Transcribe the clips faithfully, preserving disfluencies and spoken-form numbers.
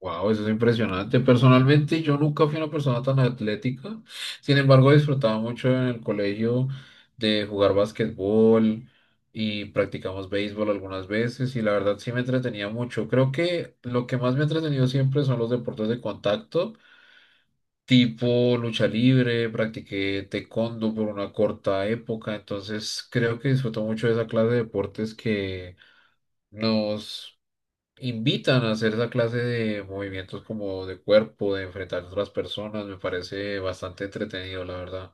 Wow, eso es impresionante. Personalmente, yo nunca fui una persona tan atlética. Sin embargo, disfrutaba mucho en el colegio de jugar basquetbol y practicamos béisbol algunas veces y la verdad sí me entretenía mucho. Creo que lo que más me ha entretenido siempre son los deportes de contacto, tipo lucha libre, practiqué taekwondo por una corta época, entonces creo que disfruto mucho de esa clase de deportes que nos invitan a hacer esa clase de movimientos como de cuerpo, de enfrentar a otras personas, me parece bastante entretenido, la verdad.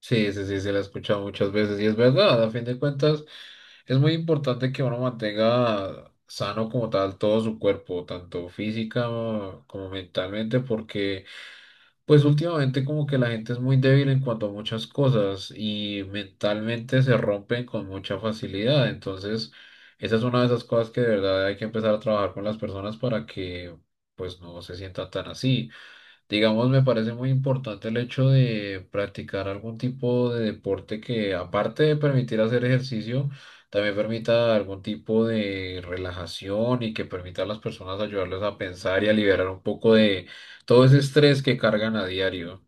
Sí, sí, sí, se la he escuchado muchas veces y es verdad, a fin de cuentas es muy importante que uno mantenga sano como tal todo su cuerpo, tanto física como mentalmente, porque pues últimamente como que la gente es muy débil en cuanto a muchas cosas y mentalmente se rompen con mucha facilidad. Entonces, esa es una de esas cosas que de verdad hay que empezar a trabajar con las personas para que pues no se sientan tan así. Digamos, me parece muy importante el hecho de practicar algún tipo de deporte que, aparte de permitir hacer ejercicio, también permita algún tipo de relajación y que permita a las personas ayudarles a pensar y a liberar un poco de todo ese estrés que cargan a diario.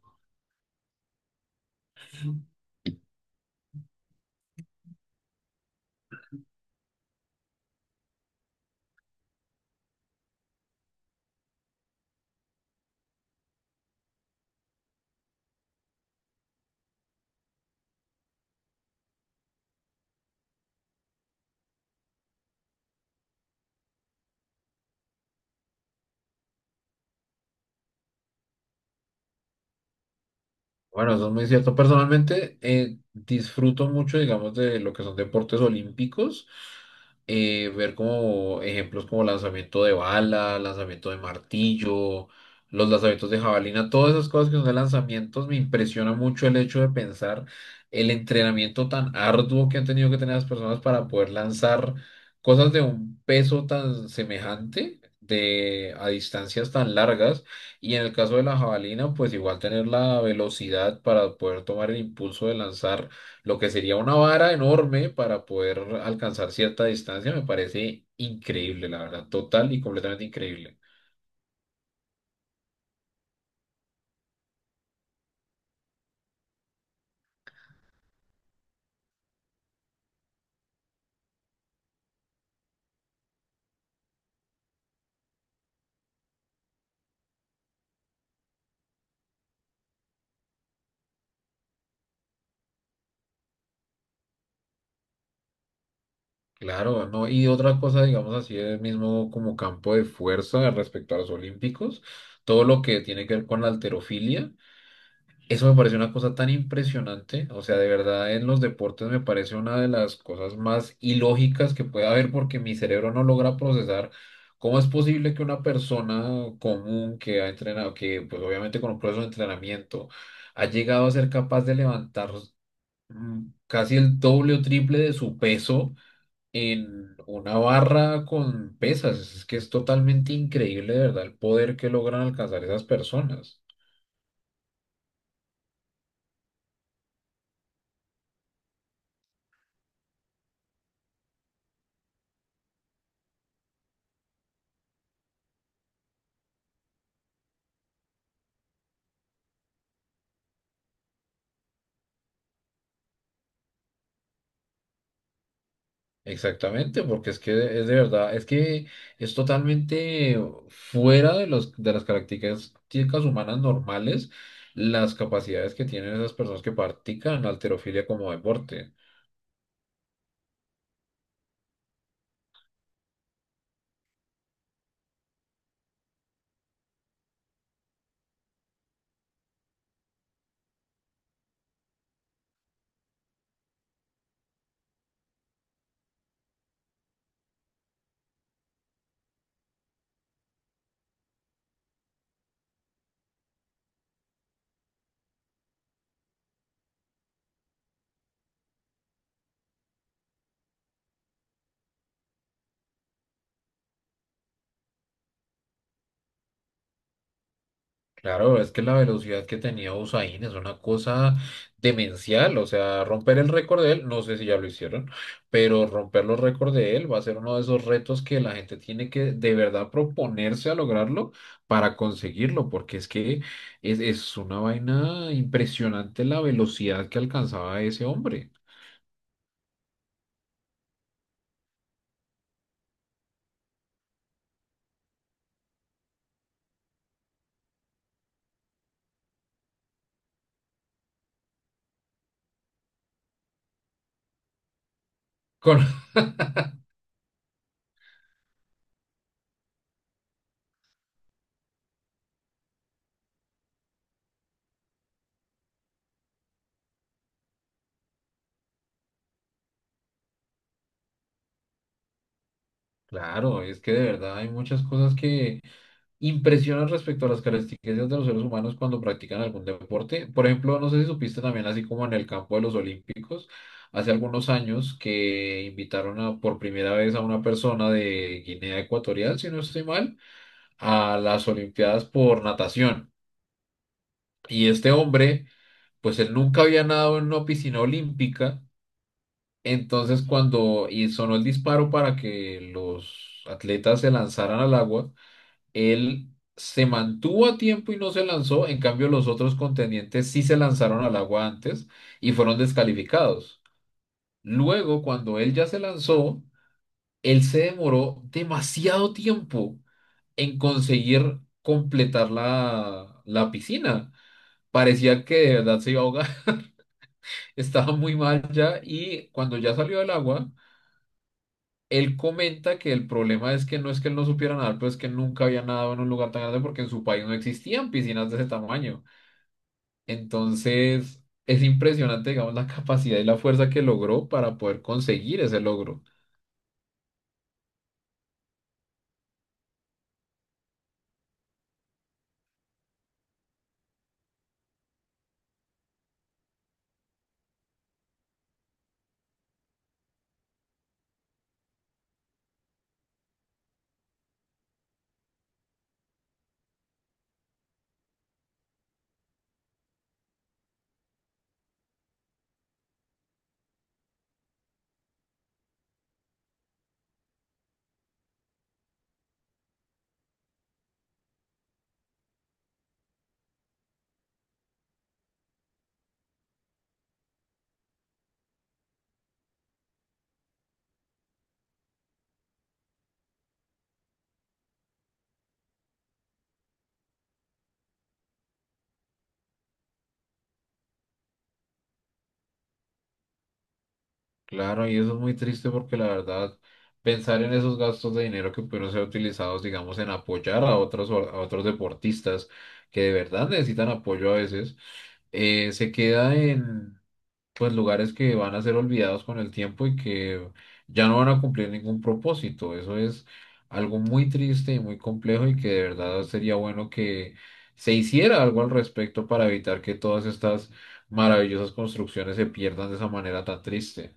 Bueno, eso es muy cierto. Personalmente, eh, disfruto mucho, digamos, de lo que son deportes olímpicos. Eh, ver como ejemplos como lanzamiento de bala, lanzamiento de martillo, los lanzamientos de jabalina, todas esas cosas que son de lanzamientos, me impresiona mucho el hecho de pensar el entrenamiento tan arduo que han tenido que tener las personas para poder lanzar cosas de un peso tan semejante. De, a distancias tan largas y en el caso de la jabalina pues igual tener la velocidad para poder tomar el impulso de lanzar lo que sería una vara enorme para poder alcanzar cierta distancia, me parece increíble, la verdad, total y completamente increíble. Claro, no, y otra cosa, digamos así, el mismo como campo de fuerza respecto a los olímpicos, todo lo que tiene que ver con la halterofilia. Eso me parece una cosa tan impresionante, o sea, de verdad en los deportes me parece una de las cosas más ilógicas que puede haber porque mi cerebro no logra procesar cómo es posible que una persona común que ha entrenado, que pues obviamente con un proceso de entrenamiento ha llegado a ser capaz de levantar, mm, casi el doble o triple de su peso en una barra con pesas. Es que es totalmente increíble, de verdad, el poder que logran alcanzar esas personas. Exactamente, porque es que es de verdad, es que es totalmente fuera de los, de las características humanas normales las capacidades que tienen esas personas que practican la halterofilia como deporte. Claro, es que la velocidad que tenía Usain es una cosa demencial, o sea, romper el récord de él, no sé si ya lo hicieron, pero romper los récords de él va a ser uno de esos retos que la gente tiene que de verdad proponerse a lograrlo para conseguirlo, porque es que es, es una vaina impresionante la velocidad que alcanzaba ese hombre. Con- Claro, es que de verdad hay muchas cosas que impresionan respecto a las características de los seres humanos cuando practican algún deporte. Por ejemplo, no sé si supiste también, así como en el campo de los Olímpicos, hace algunos años que invitaron a, por primera vez a una persona de Guinea Ecuatorial, si no estoy mal, a las Olimpiadas por natación. Y este hombre, pues él nunca había nadado en una piscina olímpica. Entonces, cuando y sonó el disparo para que los atletas se lanzaran al agua, él se mantuvo a tiempo y no se lanzó, en cambio los otros contendientes sí se lanzaron al agua antes y fueron descalificados. Luego, cuando él ya se lanzó, él se demoró demasiado tiempo en conseguir completar la, la piscina. Parecía que de verdad se iba a ahogar, estaba muy mal ya y cuando ya salió del agua, él comenta que el problema es que no es que él no supiera nadar, pero es que nunca había nadado en un lugar tan grande porque en su país no existían piscinas de ese tamaño. Entonces, es impresionante, digamos, la capacidad y la fuerza que logró para poder conseguir ese logro. Claro, y eso es muy triste porque la verdad, pensar en esos gastos de dinero que pudieron ser utilizados, digamos, en apoyar a otros, or- a otros deportistas que de verdad necesitan apoyo a veces, eh, se queda pues lugares que van a ser olvidados con el tiempo y que ya no van a cumplir ningún propósito. Eso es algo muy triste y muy complejo y que de verdad sería bueno que se hiciera algo al respecto para evitar que todas estas maravillosas construcciones se pierdan de esa manera tan triste.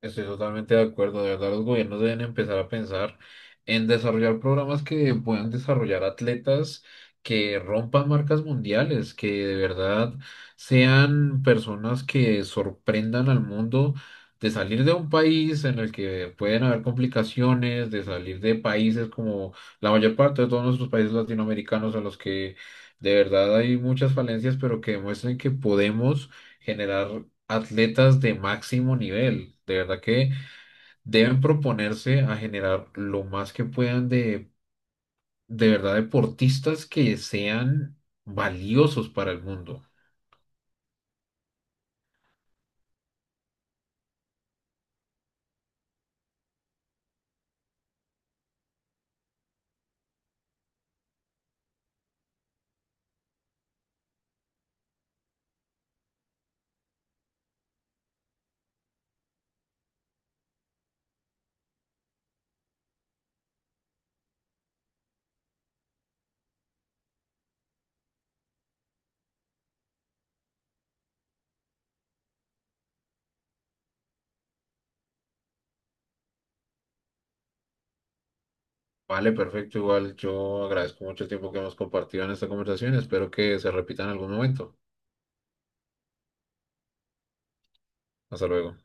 Estoy totalmente de acuerdo, de verdad los gobiernos deben empezar a pensar en desarrollar programas que puedan desarrollar atletas que rompan marcas mundiales, que de verdad sean personas que sorprendan al mundo, de salir de un país en el que pueden haber complicaciones, de salir de países como la mayor parte de todos nuestros países latinoamericanos en los que de verdad hay muchas falencias, pero que demuestren que podemos generar atletas de máximo nivel. De verdad que deben proponerse a generar lo más que puedan de, de verdad, deportistas que sean valiosos para el mundo. Vale, perfecto. Igual yo agradezco mucho el tiempo que hemos compartido en esta conversación. Espero que se repita en algún momento. Hasta luego.